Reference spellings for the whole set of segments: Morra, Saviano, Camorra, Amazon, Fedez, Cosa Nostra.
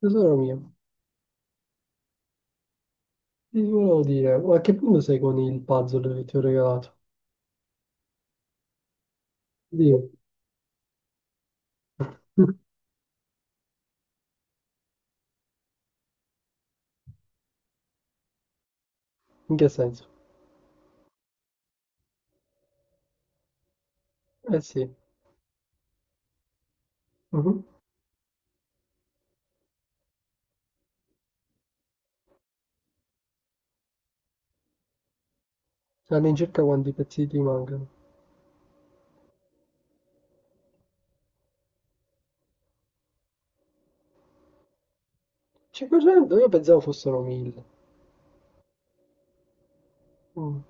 Tesoro mio, ti volevo dire, ma a che punto sei con il puzzle che ti ho regalato? Dio. In che senso? Eh sì. Mhm. All'incirca quanti pezzi ti mancano? 500? Io pensavo fossero 1000. Mm.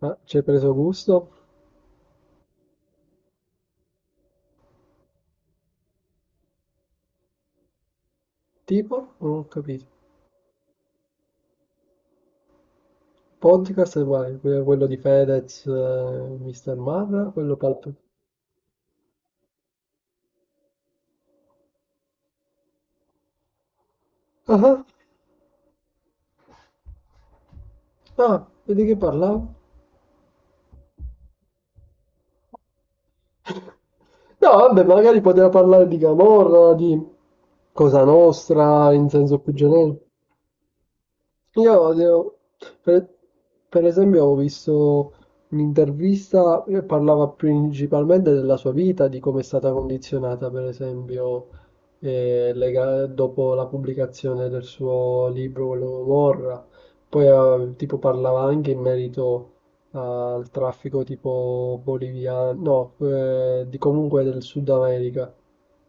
Ma ci hai preso gusto? Tipo? Non ho capito. Podcast è uguale, quello di Fedez, Mr. Marra, quello palp... Ah, ah, vedi che parlavo? No, vabbè, magari poteva parlare di Camorra, di Cosa Nostra, in senso più generico. Io odio, per, per esempio, ho visto un'intervista che parlava principalmente della sua vita, di come è stata condizionata, per esempio, dopo la pubblicazione del suo libro, quello Morra. Poi, tipo, parlava anche in merito al traffico tipo boliviano, no, di comunque del Sud America.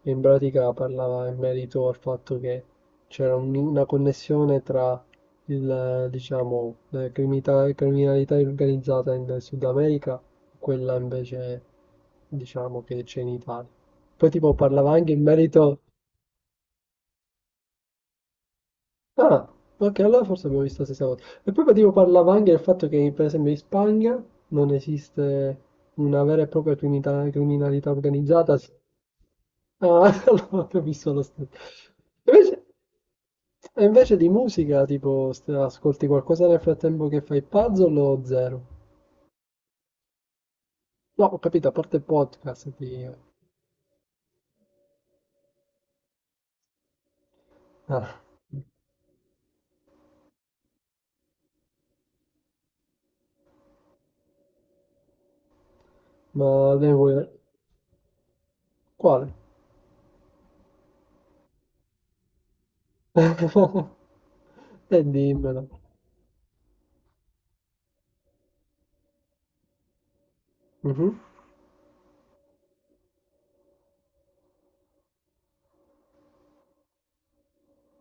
E in pratica parlava in merito al fatto che c'era una connessione tra il, diciamo, la criminalità organizzata in Sud America, quella invece, diciamo, che c'è in Italia. Poi tipo parlava anche in merito. Ah, ok, allora forse abbiamo visto la stessa cosa. E poi tipo parlava anche del fatto che, per esempio, in Spagna non esiste una vera e propria criminalità organizzata. Ah, allora ho visto lo stesso. Invece, e invece di musica, tipo, ascolti qualcosa nel frattempo che fai puzzle o zero? No, ho capito, a parte il podcast. Ah, ma lei vuole... Quale? E dimmelo. Mhm.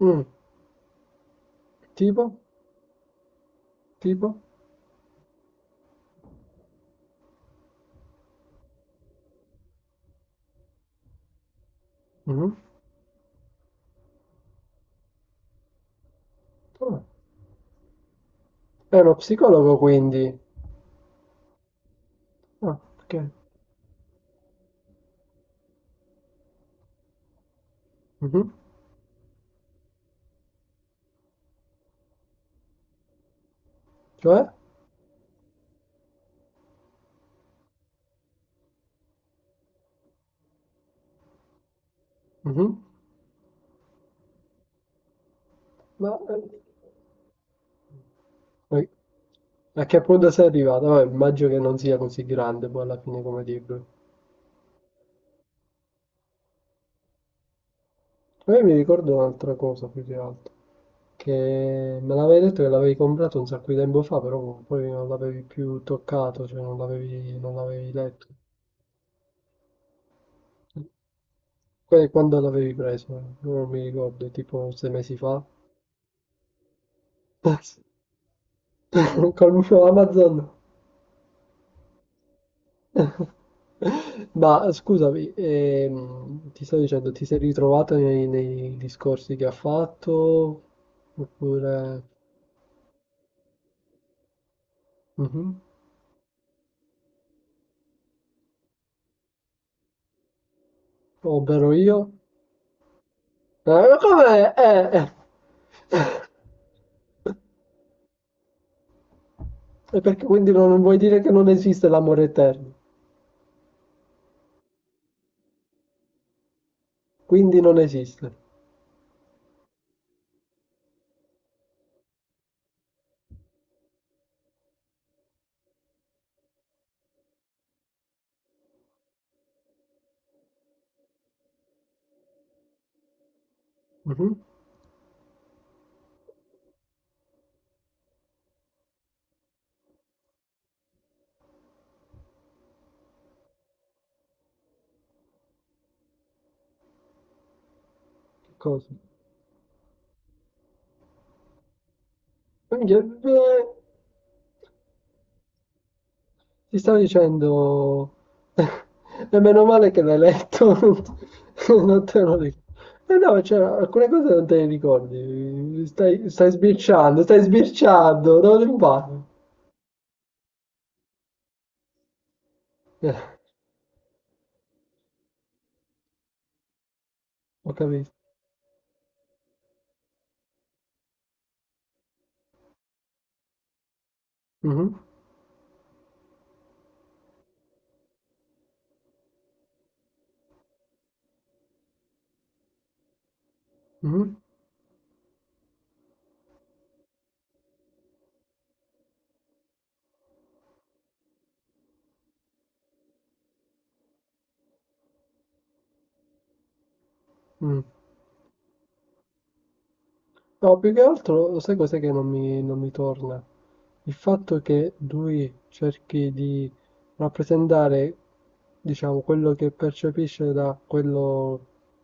Mm, Tipo? Tipo? Mhm. Ah, è uno psicologo quindi. Ah, ok. Mhm. Cioè? Mhm. Ma... E a che punto sei arrivato? Vabbè, immagino che non sia così grande poi alla fine come libro. Poi mi ricordo un'altra cosa più che altro. Che me l'avevi detto che l'avevi comprato un sacco di tempo fa, però poi non l'avevi più toccato, cioè non l'avevi letto. Quando l'avevi preso? Non mi ricordo, tipo 6 mesi fa? Basta. Conosco Amazon. Ma scusami, ti sto dicendo, ti sei ritrovato nei discorsi che ha fatto? Oppure... Mhm. Ovvero io? Ma com'è? Eh. E perché quindi non vuoi dire che non esiste l'amore eterno? Quindi non esiste. Mhm. Che cosa? Minchia, eh. Ti stavo dicendo, e meno male che l'hai letto, non te lo ricordo. Eh no, cioè, alcune cose non te le ricordi, stai sbirciando, dove ti parli? Eh, ho capito. Mhm, mhm, mm. No, più che altro, sai cos'è che non mi torna? Il fatto che lui cerchi di rappresentare, diciamo, quello che percepisce da quello,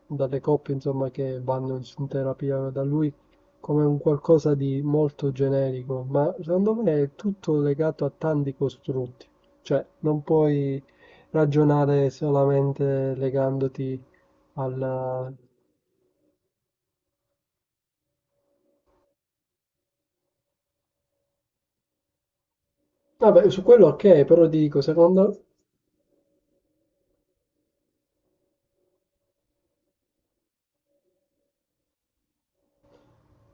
dalle coppie, insomma, che vanno in terapia da lui, come un qualcosa di molto generico, ma secondo me è tutto legato a tanti costrutti. Cioè, non puoi ragionare solamente legandoti al... Vabbè, su quello ok, però dico, secondo.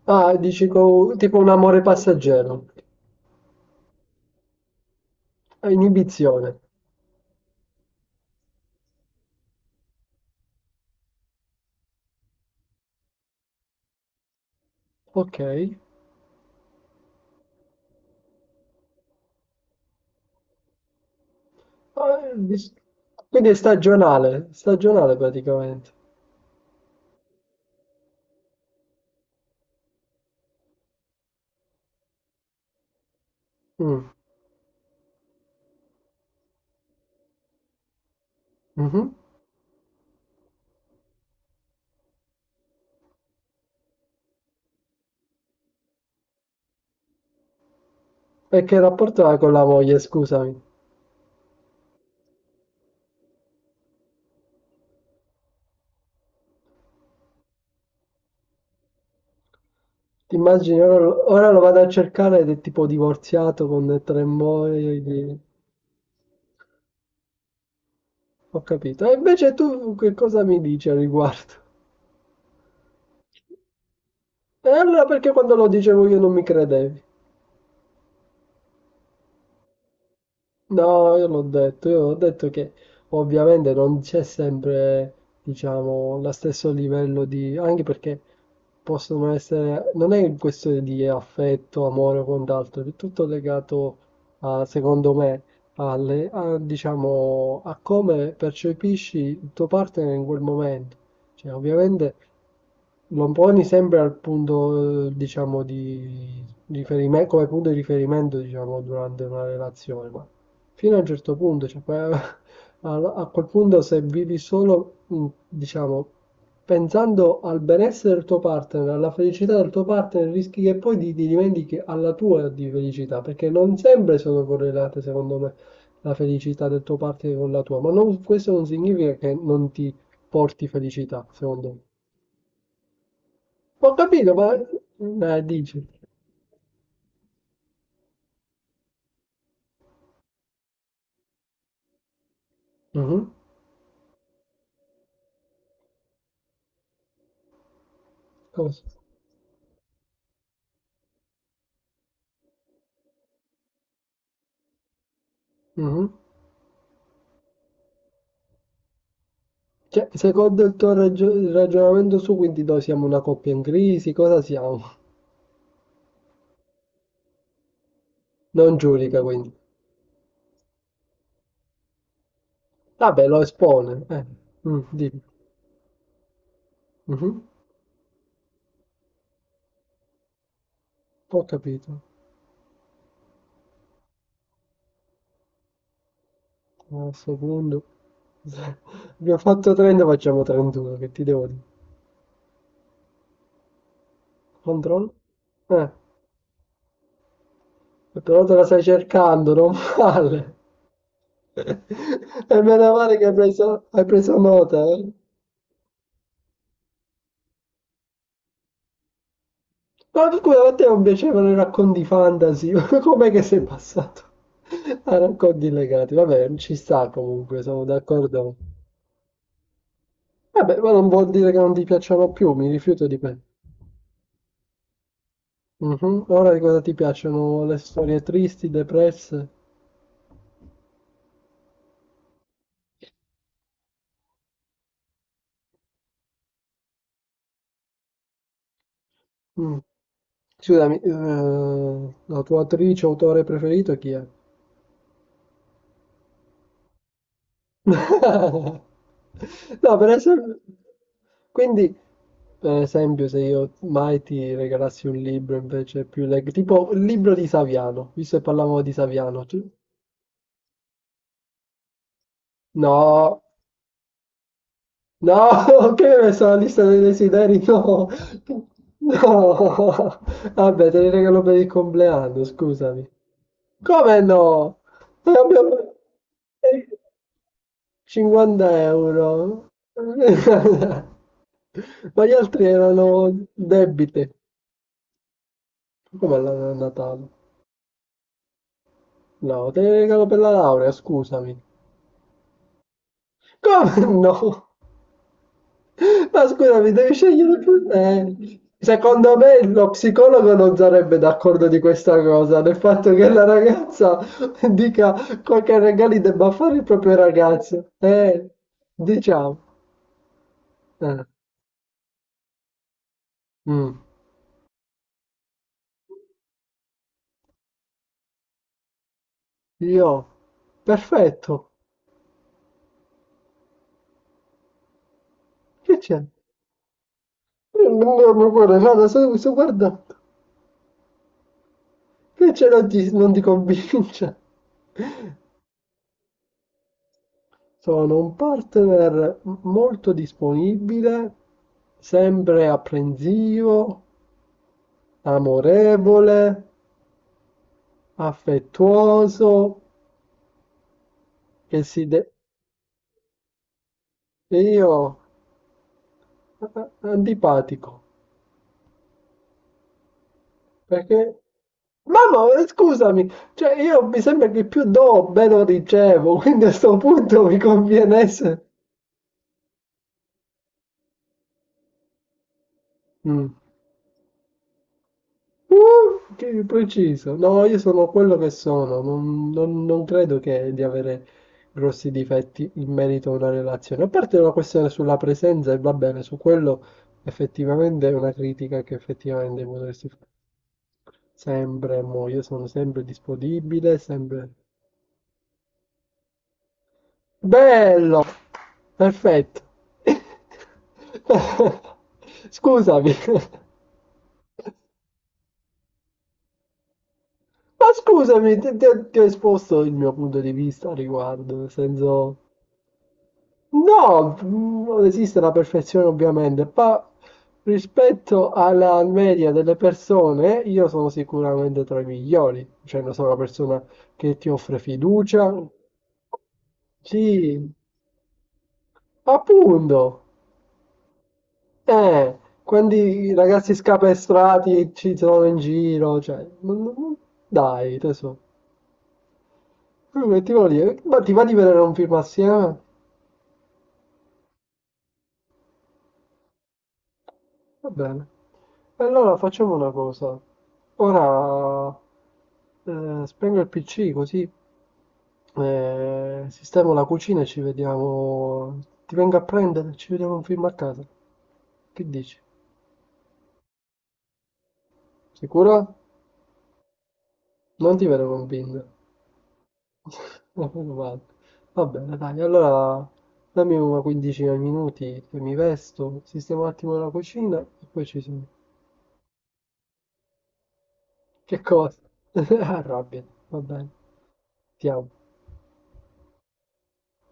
Ah, dici tipo un amore passeggero. Ah, inibizione. Ok. Ah, Quindi è stagionale, stagionale praticamente. Mm, mhm. E che rapporto ha con la moglie, scusami? Ti immagini, ora, lo vado a cercare ed è tipo divorziato con tre mogli. Ho capito. E invece tu che cosa mi dici al riguardo? E allora perché quando lo dicevo io non mi credevi? No, io l'ho detto, io ho detto che ovviamente non c'è sempre, diciamo, lo stesso livello di... anche perché possono essere... non è questione di affetto, amore o quant'altro, è tutto legato, a, secondo me, alle, a, diciamo, a come percepisci il tuo partner in quel momento. Cioè, ovviamente lo poni sempre al punto, diciamo, di riferimento, come punto di riferimento, diciamo, durante una relazione, ma fino a un certo punto, cioè, poi, a quel punto se vivi solo, diciamo, pensando al benessere del tuo partner, alla felicità del tuo partner, rischi che poi ti dimentichi alla tua di felicità, perché non sempre sono correlate, secondo me, la felicità del tuo partner con la tua, ma non questo non significa che non ti porti felicità, secondo me. Ho capito, ma... dici. Mhm. Cosa? Mhm. Cioè, secondo il tuo ragio- il ragionamento su, quindi noi siamo una coppia in crisi, cosa siamo? Non giudica, quindi. Vabbè, lo espone. Dimmi. Mhm. Ho capito. A questo punto... Abbiamo fatto 30, facciamo 31, che ti devo dire. Controllo. Eh, però te la stai cercando, non male. E meno male che hai preso nota, eh. Ma scusa, a te non piacevano i racconti fantasy? Com'è che sei passato a racconti legati? Vabbè, ci sta comunque, sono d'accordo. Vabbè, ma non vuol dire che non ti piacciono più, mi rifiuto di me. Mhm. Ora di cosa ti piacciono? Le storie tristi, depresse? Mm. Scusami, la tua attrice, o autore preferito chi è? No, per esempio, quindi per esempio, se io mai ti regalassi un libro invece più tipo il libro di Saviano, visto che parlavamo di Saviano. No, no, che mi hai messo la lista dei desideri? No, no, vabbè, te li regalo per il compleanno, scusami. Come no? Non abbiamo- 50 euro. Ma gli altri erano debite. Come la a Natale? No, te ne regalo per la laurea, scusami. Come no? Ma scusami, devi scegliere tu. Secondo me lo psicologo non sarebbe d'accordo di questa cosa, del fatto che la ragazza dica quel che regali debba fare il proprio ragazzo. Diciamo. Eh, mm. Io, perfetto. Che c'è? Io non mi guarda, guarda, sto guardando. Invece non ti convince. Sono un partner molto disponibile, sempre apprensivo, amorevole, affettuoso, che si de- e io antipatico. Perché Mamma, scusami, cioè io mi sembra che più do, meno ricevo, quindi a sto punto mi conviene essere... Mm. Che preciso. No, io sono quello che sono. Non credo che di avere grossi difetti in merito a una relazione. A parte la questione sulla presenza, e va bene, su quello effettivamente è una critica che effettivamente potresti fare. Sempre, mo, io sono sempre disponibile, sempre... Bello! Perfetto. Scusami. Ma scusami, ti ho esposto il mio punto di vista a riguardo, nel senso... No, non esiste la perfezione ovviamente, ma rispetto alla media delle persone, io sono sicuramente tra i migliori, cioè non sono una persona che ti offre fiducia. Sì, appunto. Eh, quando i ragazzi scapestrati ci sono in giro, cioè, dai, tesoro. Che ti voglio dire? Ma ti va di vedere un film assieme? Va bene. Allora facciamo una cosa. Ora spengo il PC così sistemo la cucina e ci vediamo. Ti vengo a prendere, e ci vediamo un film a casa. Che dici? Sicura? Non ti vedo convinto. Ma meno male. Va bene, dai, allora dammi una quindicina di minuti che mi vesto, sistemo un attimo la cucina e poi ci sono. Che cosa? Arrabbiati, va bene, ti amo.